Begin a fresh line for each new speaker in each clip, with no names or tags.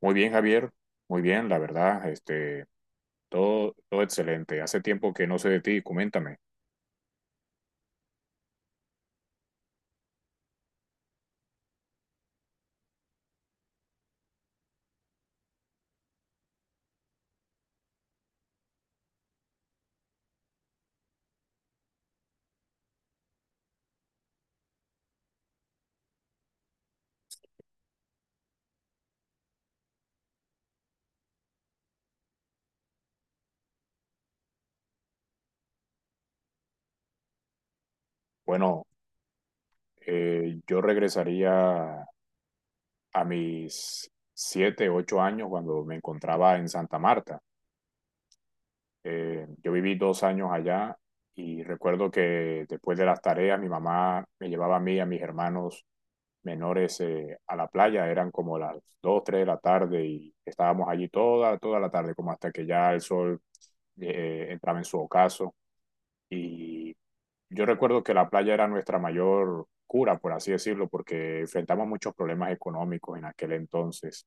Muy bien, Javier. Muy bien, la verdad, todo excelente. Hace tiempo que no sé de ti, coméntame. Bueno, yo regresaría a mis 7, 8 años cuando me encontraba en Santa Marta. Yo viví 2 años allá y recuerdo que después de las tareas mi mamá me llevaba a mí y a mis hermanos menores a la playa. Eran como las 2, 3 de la tarde y estábamos allí toda la tarde, como hasta que ya el sol entraba en su ocaso. Y yo recuerdo que la playa era nuestra mayor cura, por así decirlo, porque enfrentamos muchos problemas económicos en aquel entonces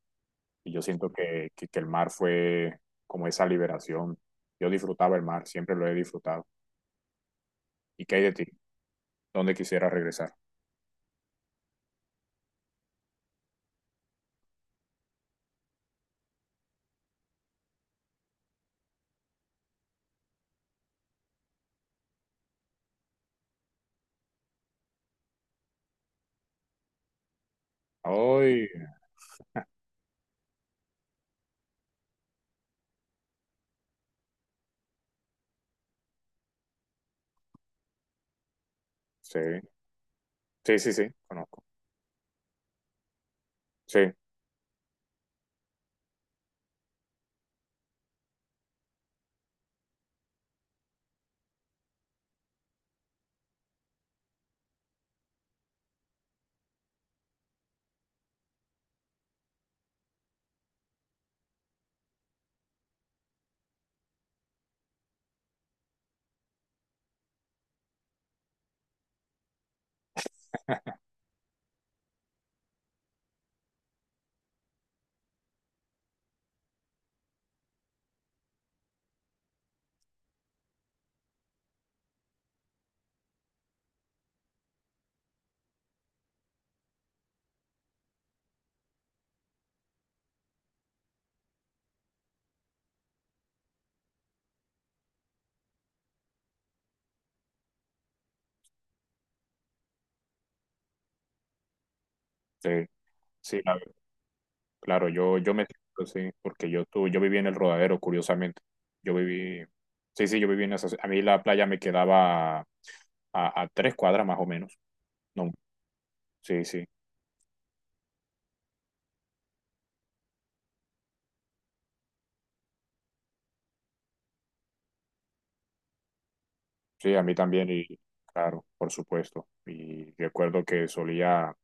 y yo siento que el mar fue como esa liberación. Yo disfrutaba el mar, siempre lo he disfrutado. ¿Y qué hay de ti? ¿Dónde quisieras regresar? Ay, sí, sí, sí, sí, conozco. Sí, sí, sí, claro, yo me siento así, porque yo viví en el Rodadero, curiosamente. Yo viví, sí, sí, yo viví en esa, a mí la playa me quedaba a 3 cuadras más o menos. No, sí, sí, sí, a mí también, y claro, por supuesto. Y recuerdo que solía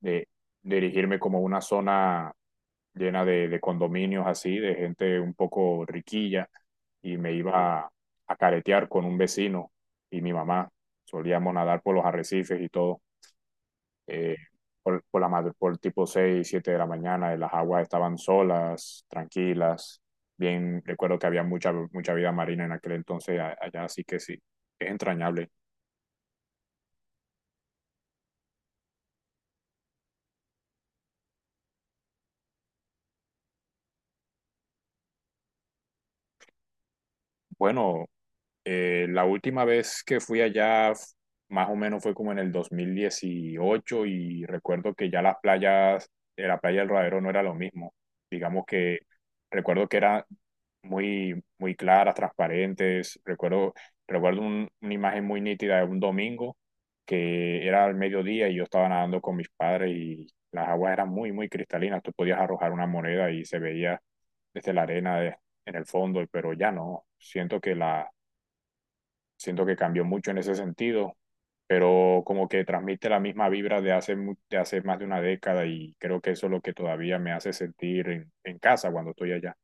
de dirigirme como a una zona llena de condominios así, de gente un poco riquilla, y me iba a caretear con un vecino y mi mamá. Solíamos nadar por los arrecifes y todo, eh, por la madre, por tipo 6, 7 de la mañana, y las aguas estaban solas, tranquilas. Bien, recuerdo que había mucha, mucha vida marina en aquel entonces allá, así que sí, es entrañable. Bueno, la última vez que fui allá, más o menos fue como en el 2018 y recuerdo que ya las playas, la playa del Rodadero no era lo mismo. Digamos que recuerdo que eran muy, muy claras, transparentes. Recuerdo una imagen muy nítida de un domingo que era al mediodía y yo estaba nadando con mis padres y las aguas eran muy, muy cristalinas. Tú podías arrojar una moneda y se veía desde la arena en el fondo, pero ya no. Siento que cambió mucho en ese sentido, pero como que transmite la misma vibra de hace más de una década y creo que eso es lo que todavía me hace sentir en casa cuando estoy allá.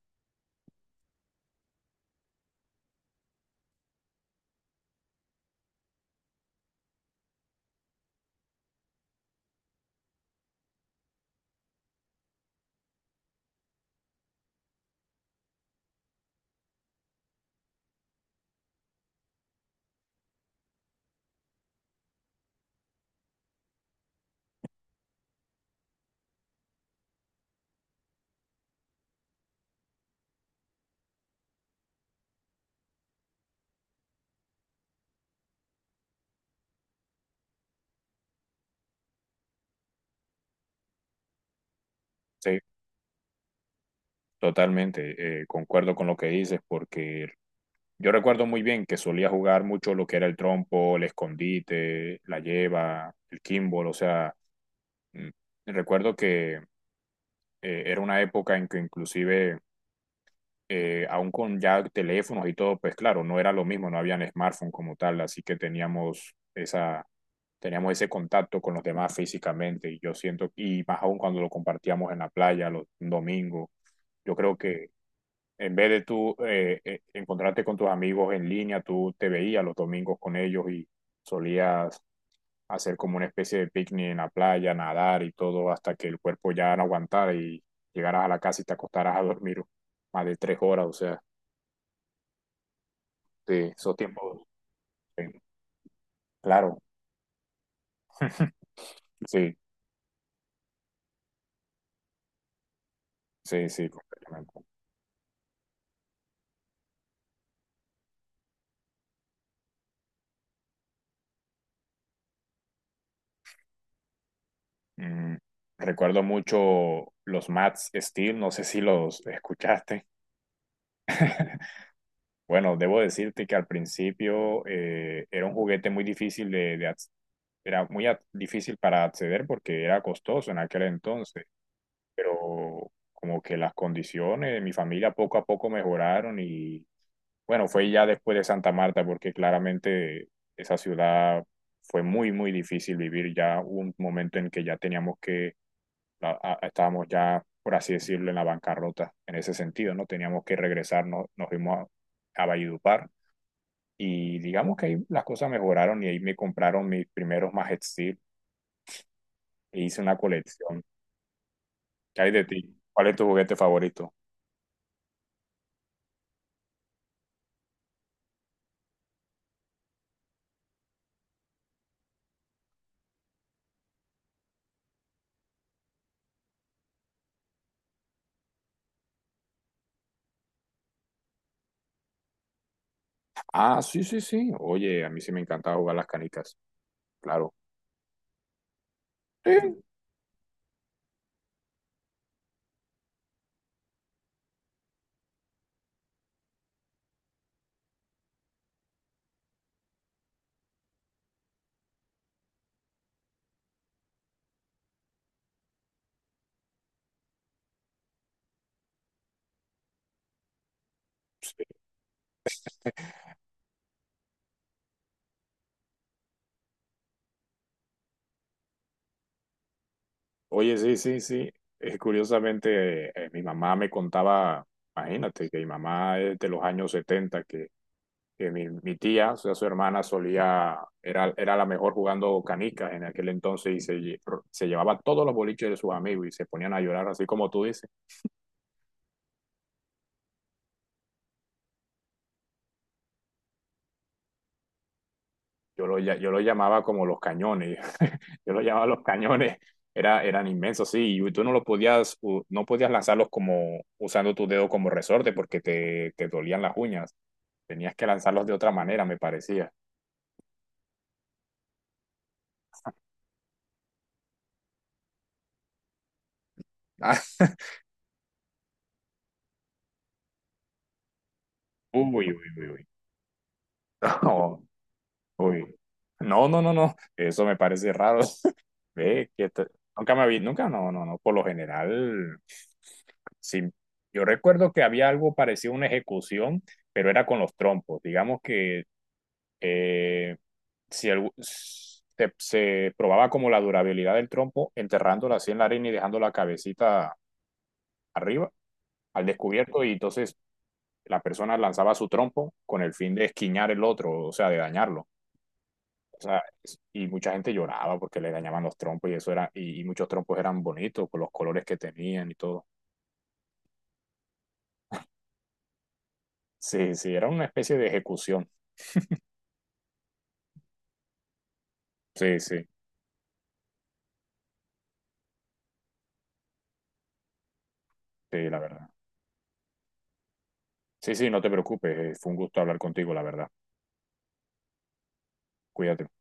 Sí, totalmente, concuerdo con lo que dices porque yo recuerdo muy bien que solía jugar mucho lo que era el trompo, el escondite, la lleva, el kimball, o sea, mm, recuerdo que era una época en que inclusive aún con ya teléfonos y todo, pues claro, no era lo mismo, no habían smartphone como tal, así que teníamos ese contacto con los demás físicamente y yo siento, y más aún cuando lo compartíamos en la playa los domingos, yo creo que en vez de tú encontrarte con tus amigos en línea, tú te veías los domingos con ellos y solías hacer como una especie de picnic en la playa, nadar y todo hasta que el cuerpo ya no aguantara y llegaras a la casa y te acostaras a dormir más de 3 horas, o sea. Sí, esos tiempos, sí, claro. Sí, sí, sí, completamente. Mm, recuerdo mucho los Mats Steel, no sé si los escuchaste. Bueno, debo decirte que al principio era un juguete muy difícil de difícil para acceder porque era costoso en aquel entonces, pero como que las condiciones de mi familia poco a poco mejoraron y bueno, fue ya después de Santa Marta, porque claramente esa ciudad fue muy, muy difícil vivir. Ya hubo un momento en que ya teníamos que, estábamos ya, por así decirlo, en la bancarrota, en ese sentido, ¿no? Teníamos que regresar, nos fuimos a Valledupar y digamos que ahí las cosas mejoraron y ahí me compraron mis primeros Majet Steel e hice una colección. ¿Qué hay de ti? ¿Cuál es tu juguete favorito? Ah, sí, sí, sí. Oye, a mí sí me encantaba jugar las canicas, claro. Sí, oye, sí, sí, sí. Curiosamente, mi mamá me contaba, imagínate, que mi mamá es de los años 70 que mi tía, o sea, su hermana era la mejor jugando canicas en aquel entonces y se llevaba todos los boliches de sus amigos y se ponían a llorar, así como tú dices. Yo lo llamaba como los cañones. Yo lo llamaba los cañones. Eran inmensos, sí, y tú no podías lanzarlos como usando tu dedo como resorte porque te dolían las uñas. Tenías que lanzarlos de otra manera, me parecía. Ah. Uy, uy, uy, uy. No, uy. No, no, no, no. Eso me parece raro. Ve, que nunca me vi, nunca, no, no, no. Por lo general, sí. Yo recuerdo que había algo parecido a una ejecución, pero era con los trompos. Digamos que eh, si el- se probaba como la durabilidad del trompo, enterrándola así en la arena y dejando la cabecita arriba, al descubierto, y entonces la persona lanzaba su trompo con el fin de esquiñar el otro, o sea, de dañarlo. O sea, y mucha gente lloraba porque le dañaban los trompos y eso era, y muchos trompos eran bonitos con los colores que tenían y todo. Sí, sí, era una especie de ejecución. Sí, sí, sí, la verdad. Sí, sí, no te preocupes, fue un gusto hablar contigo, la verdad. Cuídate.